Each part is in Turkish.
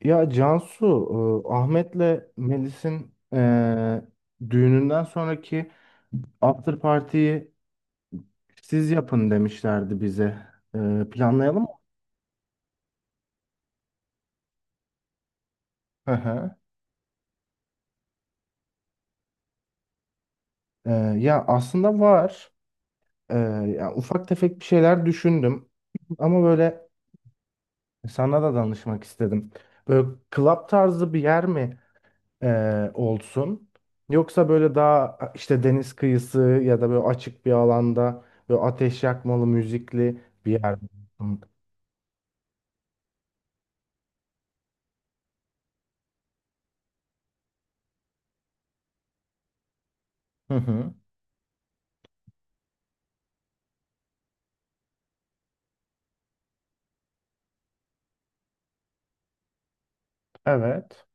Ya Cansu, Ahmet'le Melis'in düğününden sonraki after party'yi siz yapın demişlerdi bize. Planlayalım mı? Hı hı. E, Ya aslında var. E, Ya ufak tefek bir şeyler düşündüm. Ama böyle sana da danışmak istedim. Böyle club tarzı bir yer mi olsun. Yoksa böyle daha işte deniz kıyısı ya da böyle açık bir alanda böyle ateş yakmalı müzikli bir yer olsun. Hı hı. Evet.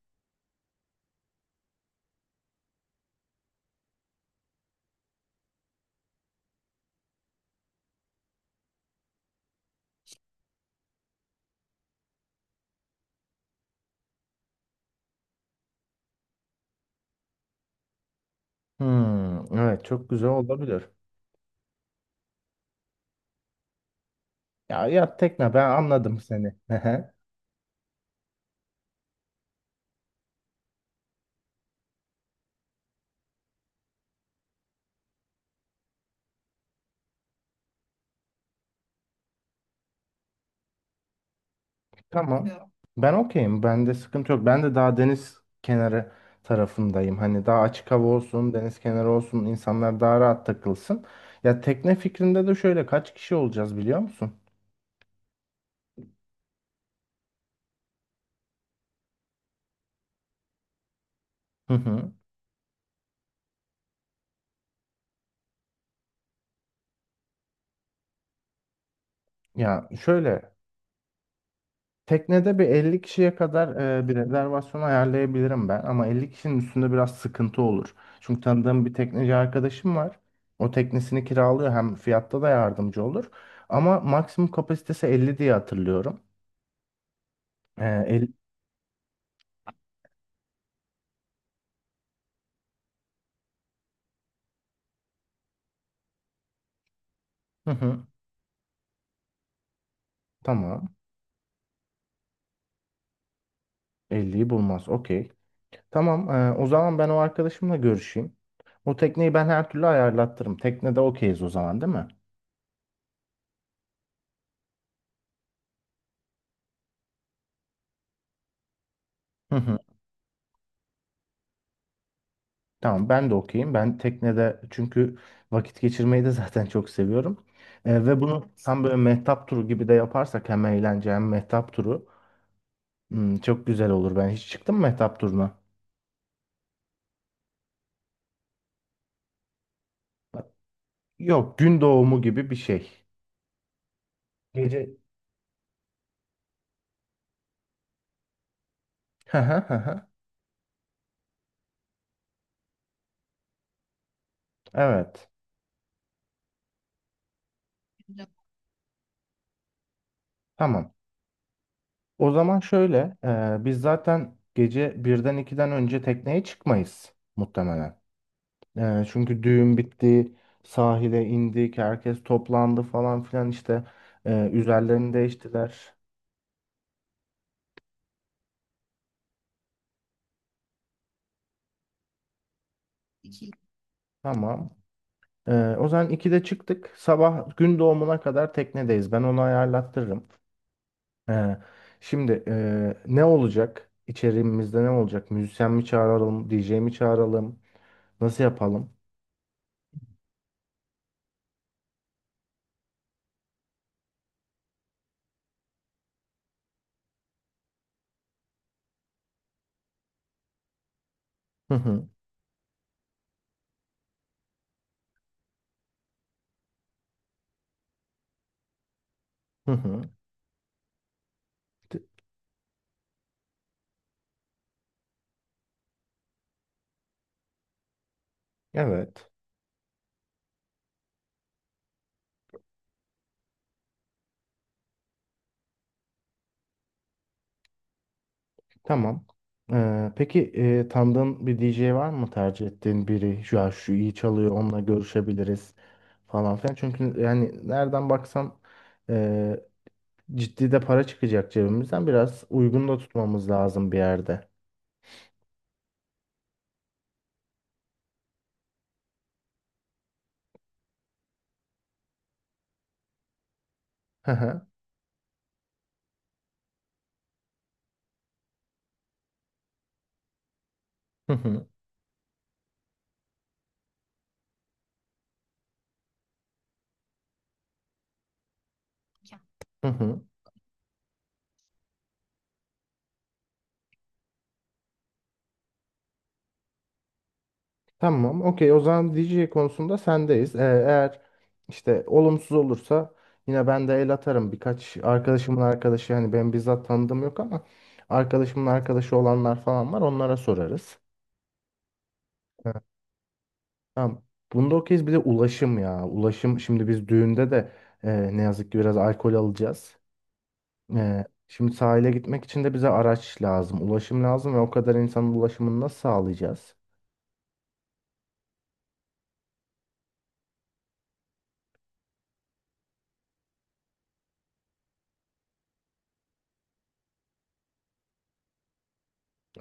Hmm, evet çok güzel olabilir. Ya ya tekne, ben anladım seni. Hı hı. Tamam. Ya. Ben okeyim. Bende sıkıntı yok. Ben de daha deniz kenarı tarafındayım. Hani daha açık hava olsun, deniz kenarı olsun, insanlar daha rahat takılsın. Ya tekne fikrinde de şöyle, kaç kişi olacağız biliyor musun? Hı hı. Ya şöyle, teknede bir 50 kişiye kadar bir rezervasyon ayarlayabilirim ben, ama 50 kişinin üstünde biraz sıkıntı olur. Çünkü tanıdığım bir tekneci arkadaşım var. O teknesini kiralıyor, hem fiyatta da yardımcı olur. Ama maksimum kapasitesi 50 diye hatırlıyorum. 50... Hı hı, tamam. Elliyi bulmaz. Okey. Tamam. O zaman ben o arkadaşımla görüşeyim. O tekneyi ben her türlü ayarlattırım. Teknede okeyiz o zaman, değil mi? Hı hı. Tamam, ben de okeyim. Ben teknede çünkü vakit geçirmeyi de zaten çok seviyorum. Ve bunu tam böyle mehtap turu gibi de yaparsak hem eğlence hem mehtap turu hmm, çok güzel olur. Ben hiç çıktım mı mehtap turuna? Yok, gün doğumu gibi bir şey. Gece. Hı hı hı hı. Evet. Tamam. O zaman şöyle, biz zaten gece birden 2'den önce tekneye çıkmayız muhtemelen. Çünkü düğün bitti, sahile indik, herkes toplandı falan filan işte. Üzerlerini değiştiler. İki. Tamam. Ee, O zaman 2'de çıktık. Sabah gün doğumuna kadar teknedeyiz. Ben onu ayarlattırırım. Ee, Şimdi ne olacak? İçeriğimizde ne olacak? Müzisyen mi çağıralım? DJ mi çağıralım? Nasıl yapalım? Hı hı, hı hı. T- Evet. Tamam. Peki tanıdığın bir DJ var mı, tercih ettiğin biri? Şu an şu iyi çalıyor, onunla görüşebiliriz falan filan. Çünkü yani nereden baksan ciddi de para çıkacak cebimizden, biraz uygun da tutmamız lazım bir yerde. Hı hı, hı hı, hı hı. Tamam, okey. O zaman DJ konusunda sendeyiz. Eğer işte olumsuz olursa yine ben de el atarım. Birkaç arkadaşımın arkadaşı, hani ben bizzat tanıdığım yok ama arkadaşımın arkadaşı olanlar falan var. Onlara sorarız. Hı. Tamam. Bunda okeyiz. Bir de ulaşım ya. Ulaşım, şimdi biz düğünde de ne yazık ki biraz alkol alacağız. Şimdi sahile gitmek için de bize araç lazım, ulaşım lazım ve o kadar insanın ulaşımını nasıl sağlayacağız?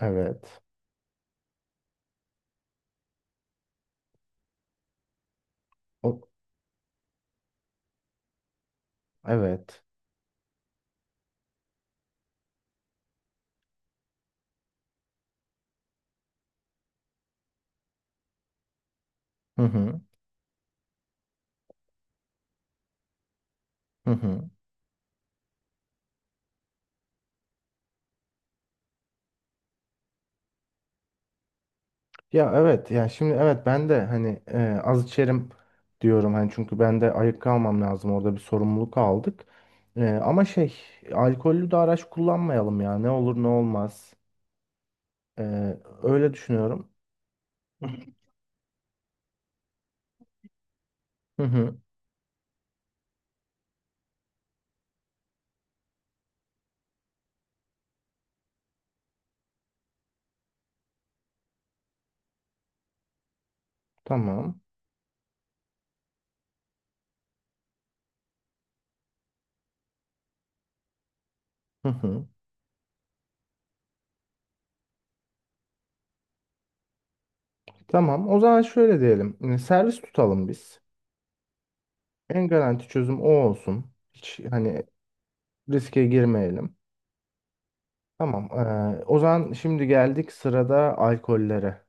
Evet. O, evet. Hı hı. Hı hı. Ya evet, ya şimdi evet, ben de hani az içerim diyorum, hani çünkü ben de ayık kalmam lazım, orada bir sorumluluk aldık. Ama şey, alkollü de araç kullanmayalım ya, ne olur ne olmaz. E, Öyle düşünüyorum. Hı hı. Tamam. Hı hı. Tamam. O zaman şöyle diyelim. Servis tutalım biz. En garanti çözüm o olsun. Hiç hani riske girmeyelim. Tamam. O zaman şimdi geldik sırada alkollere.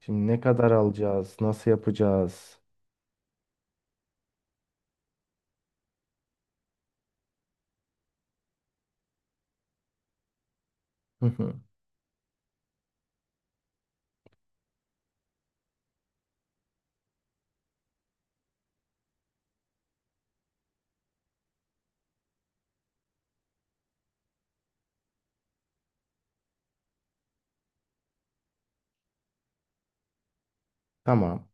Şimdi ne kadar alacağız? Nasıl yapacağız? Hı hı. Tamam.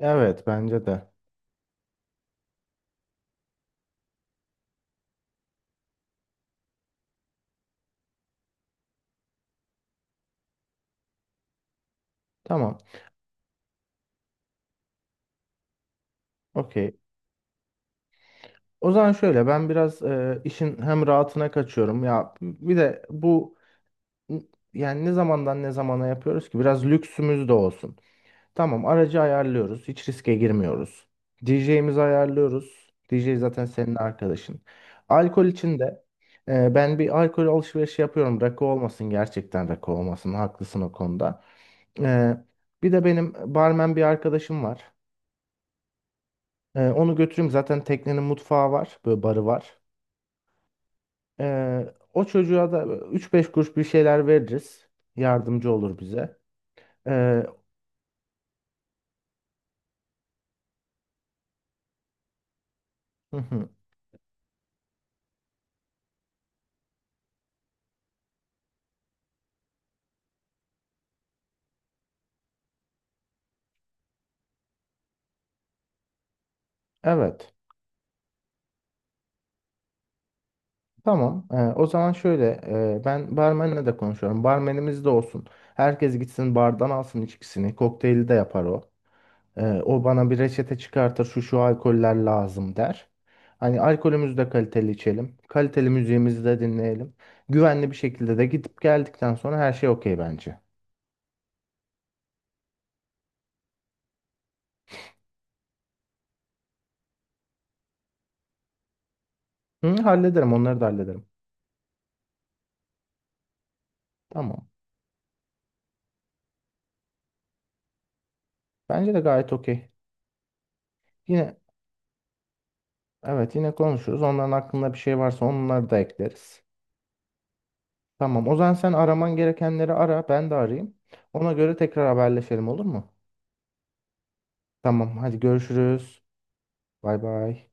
Evet, bence de. Tamam. Okey. O zaman şöyle, ben biraz işin hem rahatına kaçıyorum. Ya bir de bu, yani ne zamandan ne zamana yapıyoruz ki? Biraz lüksümüz de olsun. Tamam, aracı ayarlıyoruz. Hiç riske girmiyoruz. DJ'mizi ayarlıyoruz. DJ zaten senin arkadaşın. Alkol için de ben bir alkol alışverişi yapıyorum. Rakı olmasın, gerçekten rakı olmasın. Haklısın o konuda. E, Bir de benim barmen bir arkadaşım var. Onu götüreyim. Zaten teknenin mutfağı var. Böyle barı var. O çocuğa da üç beş kuruş bir şeyler veririz. Yardımcı olur bize. E, hı hı, evet. Tamam. O zaman şöyle, ben barmenle de konuşuyorum. Barmenimiz de olsun. Herkes gitsin bardan alsın içkisini. Kokteyli de yapar o. O bana bir reçete çıkartır. Şu şu alkoller lazım der. Hani alkolümüzü de kaliteli içelim. Kaliteli müziğimizi de dinleyelim. Güvenli bir şekilde de gidip geldikten sonra her şey okey bence. Hı, hallederim, onları da hallederim. Tamam. Bence de gayet okey. Yine evet, yine konuşuruz. Onların aklında bir şey varsa onları da ekleriz. Tamam. O zaman sen araman gerekenleri ara. Ben de arayayım. Ona göre tekrar haberleşelim, olur mu? Tamam. Hadi görüşürüz. Bay bay.